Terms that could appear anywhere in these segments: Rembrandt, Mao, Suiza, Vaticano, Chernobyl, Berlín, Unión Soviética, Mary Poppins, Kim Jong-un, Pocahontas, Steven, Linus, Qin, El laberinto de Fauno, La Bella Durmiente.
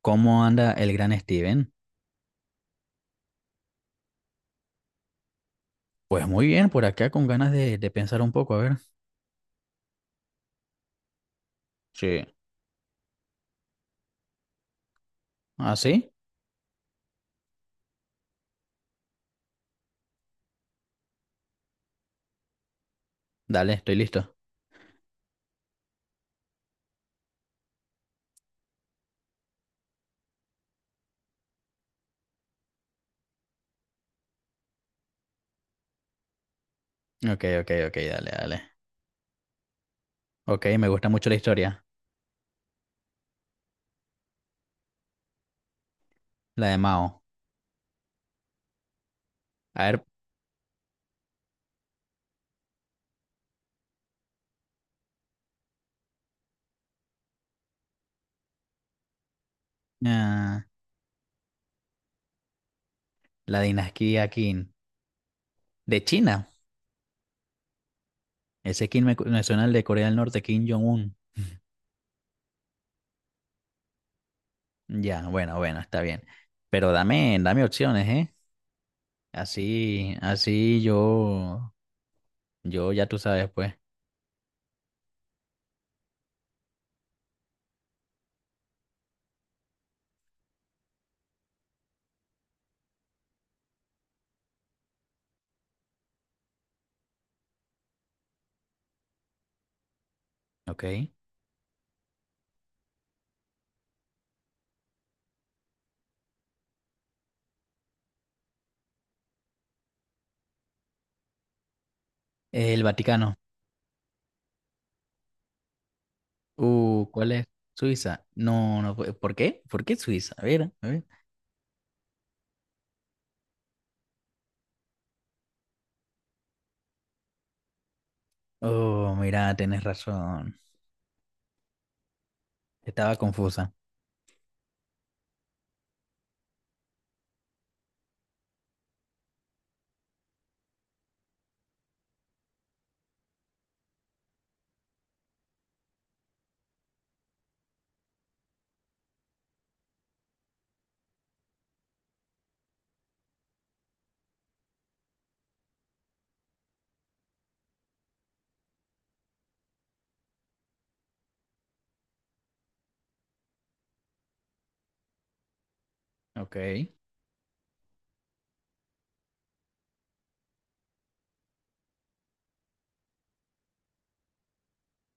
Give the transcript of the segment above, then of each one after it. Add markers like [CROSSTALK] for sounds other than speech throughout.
¿Cómo anda el gran Steven? Pues muy bien, por acá con ganas de pensar un poco, a ver. Sí. ¿Ah, sí? Dale, estoy listo. Ok, ok, ok, dale, dale. Ok, me gusta mucho la historia, la de Mao. A ver, ah, la dinastía Qin. De China. Ese Qin me suena al de Corea del Norte, Kim Jong-un. Ya, bueno, bueno, está bien. Pero dame opciones, ¿eh? Así, así yo ya tú sabes, pues. Ok. El Vaticano. ¿Cuál es? Suiza. No, no fue. ¿Por qué? ¿Por qué Suiza? A ver, a ver. Oh, mira, tenés razón. Estaba confusa. Ok.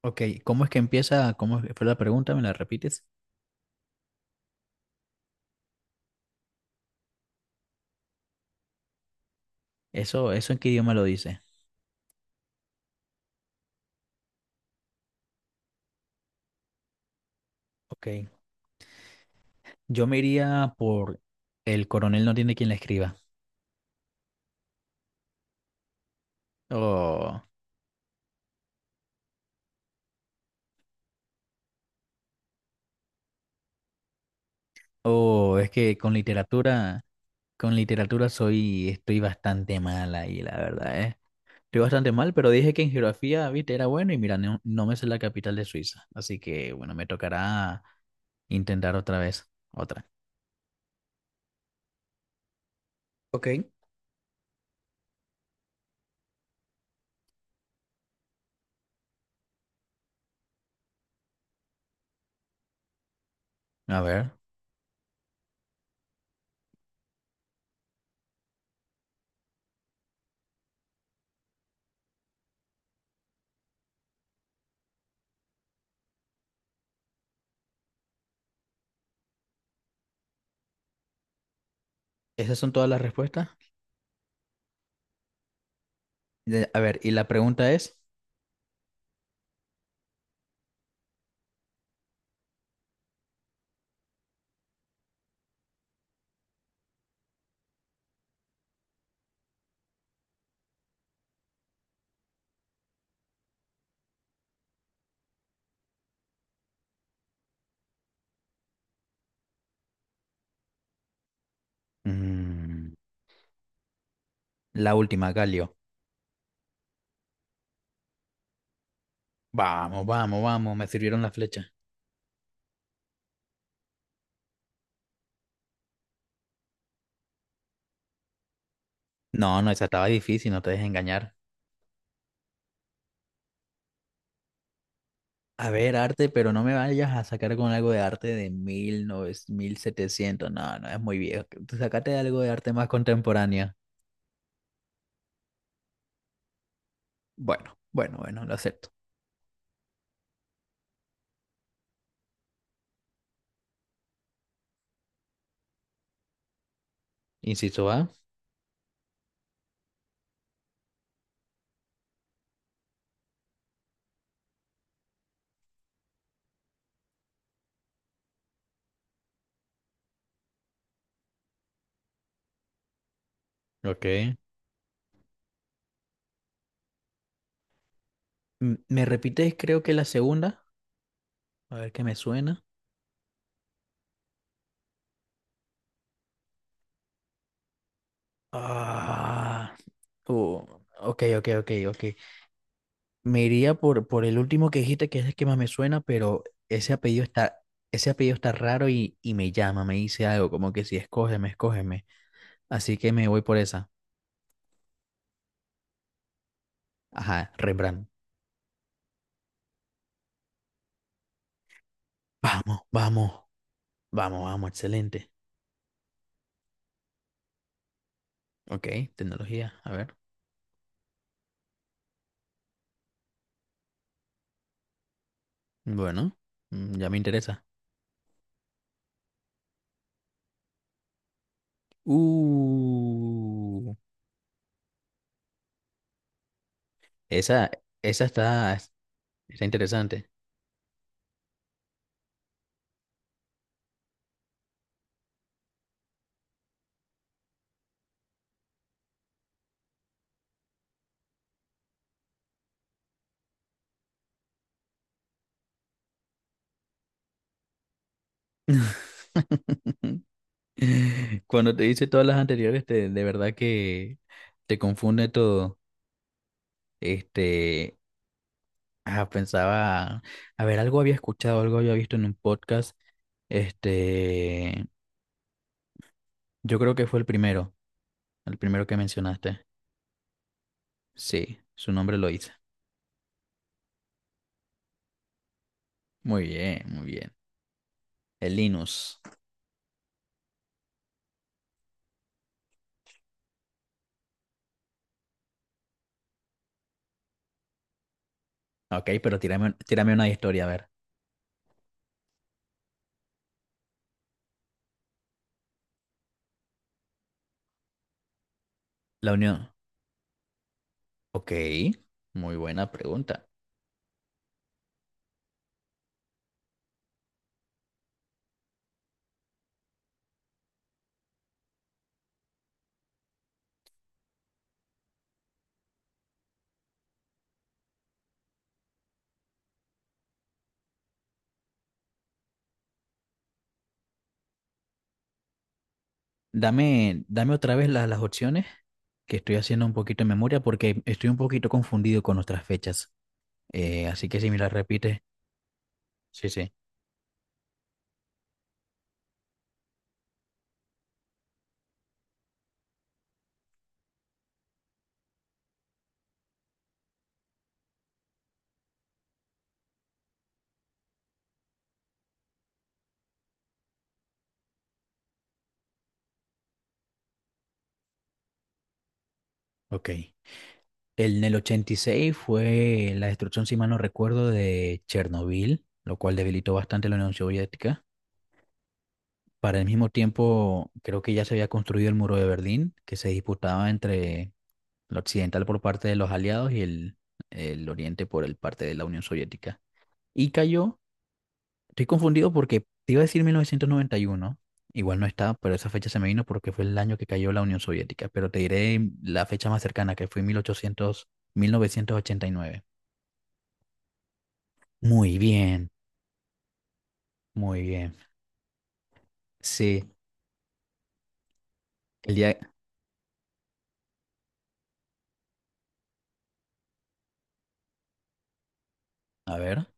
Ok, ¿cómo es que empieza? ¿Cómo fue la pregunta? ¿Me la repites? Eso en qué idioma lo dice. Ok. Yo me iría por el coronel no tiene quien la escriba. Oh, oh, es que con literatura soy, estoy bastante mala ahí, la verdad, ¿eh? Estoy bastante mal, pero dije que en geografía, viste, era bueno y mira, no, no me sé la capital de Suiza. Así que, bueno, me tocará intentar otra vez. Otra. Ok. A ver, esas son todas las respuestas. A ver, y la pregunta es, mm, la última, Galio. Vamos, vamos, vamos, me sirvieron la flecha. No, no, esa estaba difícil, no te dejes engañar. A ver, arte, pero no me vayas a sacar con algo de arte de mil novecientos, mil setecientos. No, no, es muy viejo. Sácate algo de arte más contemporánea. Bueno, bueno, bueno, lo acepto. Inciso A. Ok. ¿Me repites, creo que la segunda? A ver qué me suena. Ah. uh, ok, ok, ok, ok. Me iría por el último que dijiste, que es el que más me suena, pero ese apellido está, ese apellido está raro y me llama, me dice algo, como que si escógeme, escógeme. Así que me voy por esa. Ajá, Rembrandt. Vamos, vamos, vamos, vamos, excelente. Ok, tecnología, a ver. Bueno, ya me interesa. Uh. Esa, esa está, está interesante. [LAUGHS] Cuando te hice todas las anteriores, de verdad que te confunde todo. Este, ah, pensaba, a ver, algo había escuchado, algo había visto en un podcast. Este, yo creo que fue el primero que mencionaste. Sí, su nombre lo hice. Muy bien, muy bien. El Linus. Ok, pero tírame una historia, a ver. La unión. Ok, muy buena pregunta. Dame otra vez las opciones, que estoy haciendo un poquito de memoria porque estoy un poquito confundido con nuestras fechas. Así que si me las repites, sí, sí, ok. En el 86 fue la destrucción, si mal no recuerdo, de Chernobyl, lo cual debilitó bastante la Unión Soviética. Para el mismo tiempo, creo que ya se había construido el muro de Berlín, que se disputaba entre lo occidental por parte de los aliados y el oriente por el parte de la Unión Soviética. Y cayó. Estoy confundido porque te iba a decir 1991, igual no está, pero esa fecha se me vino porque fue el año que cayó la Unión Soviética, pero te diré la fecha más cercana, que fue 1800, 1989. Muy bien, muy bien. Sí, el día... A ver,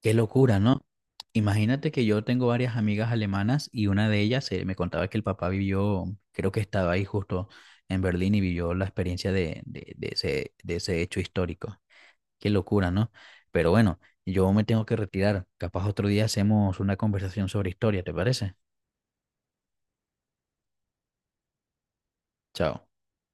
qué locura, ¿no? Imagínate que yo tengo varias amigas alemanas y una de ellas me contaba que el papá vivió, creo que estaba ahí justo en Berlín y vivió la experiencia de ese hecho histórico. Qué locura, ¿no? Pero bueno, yo me tengo que retirar. Capaz otro día hacemos una conversación sobre historia, ¿te parece? Chao.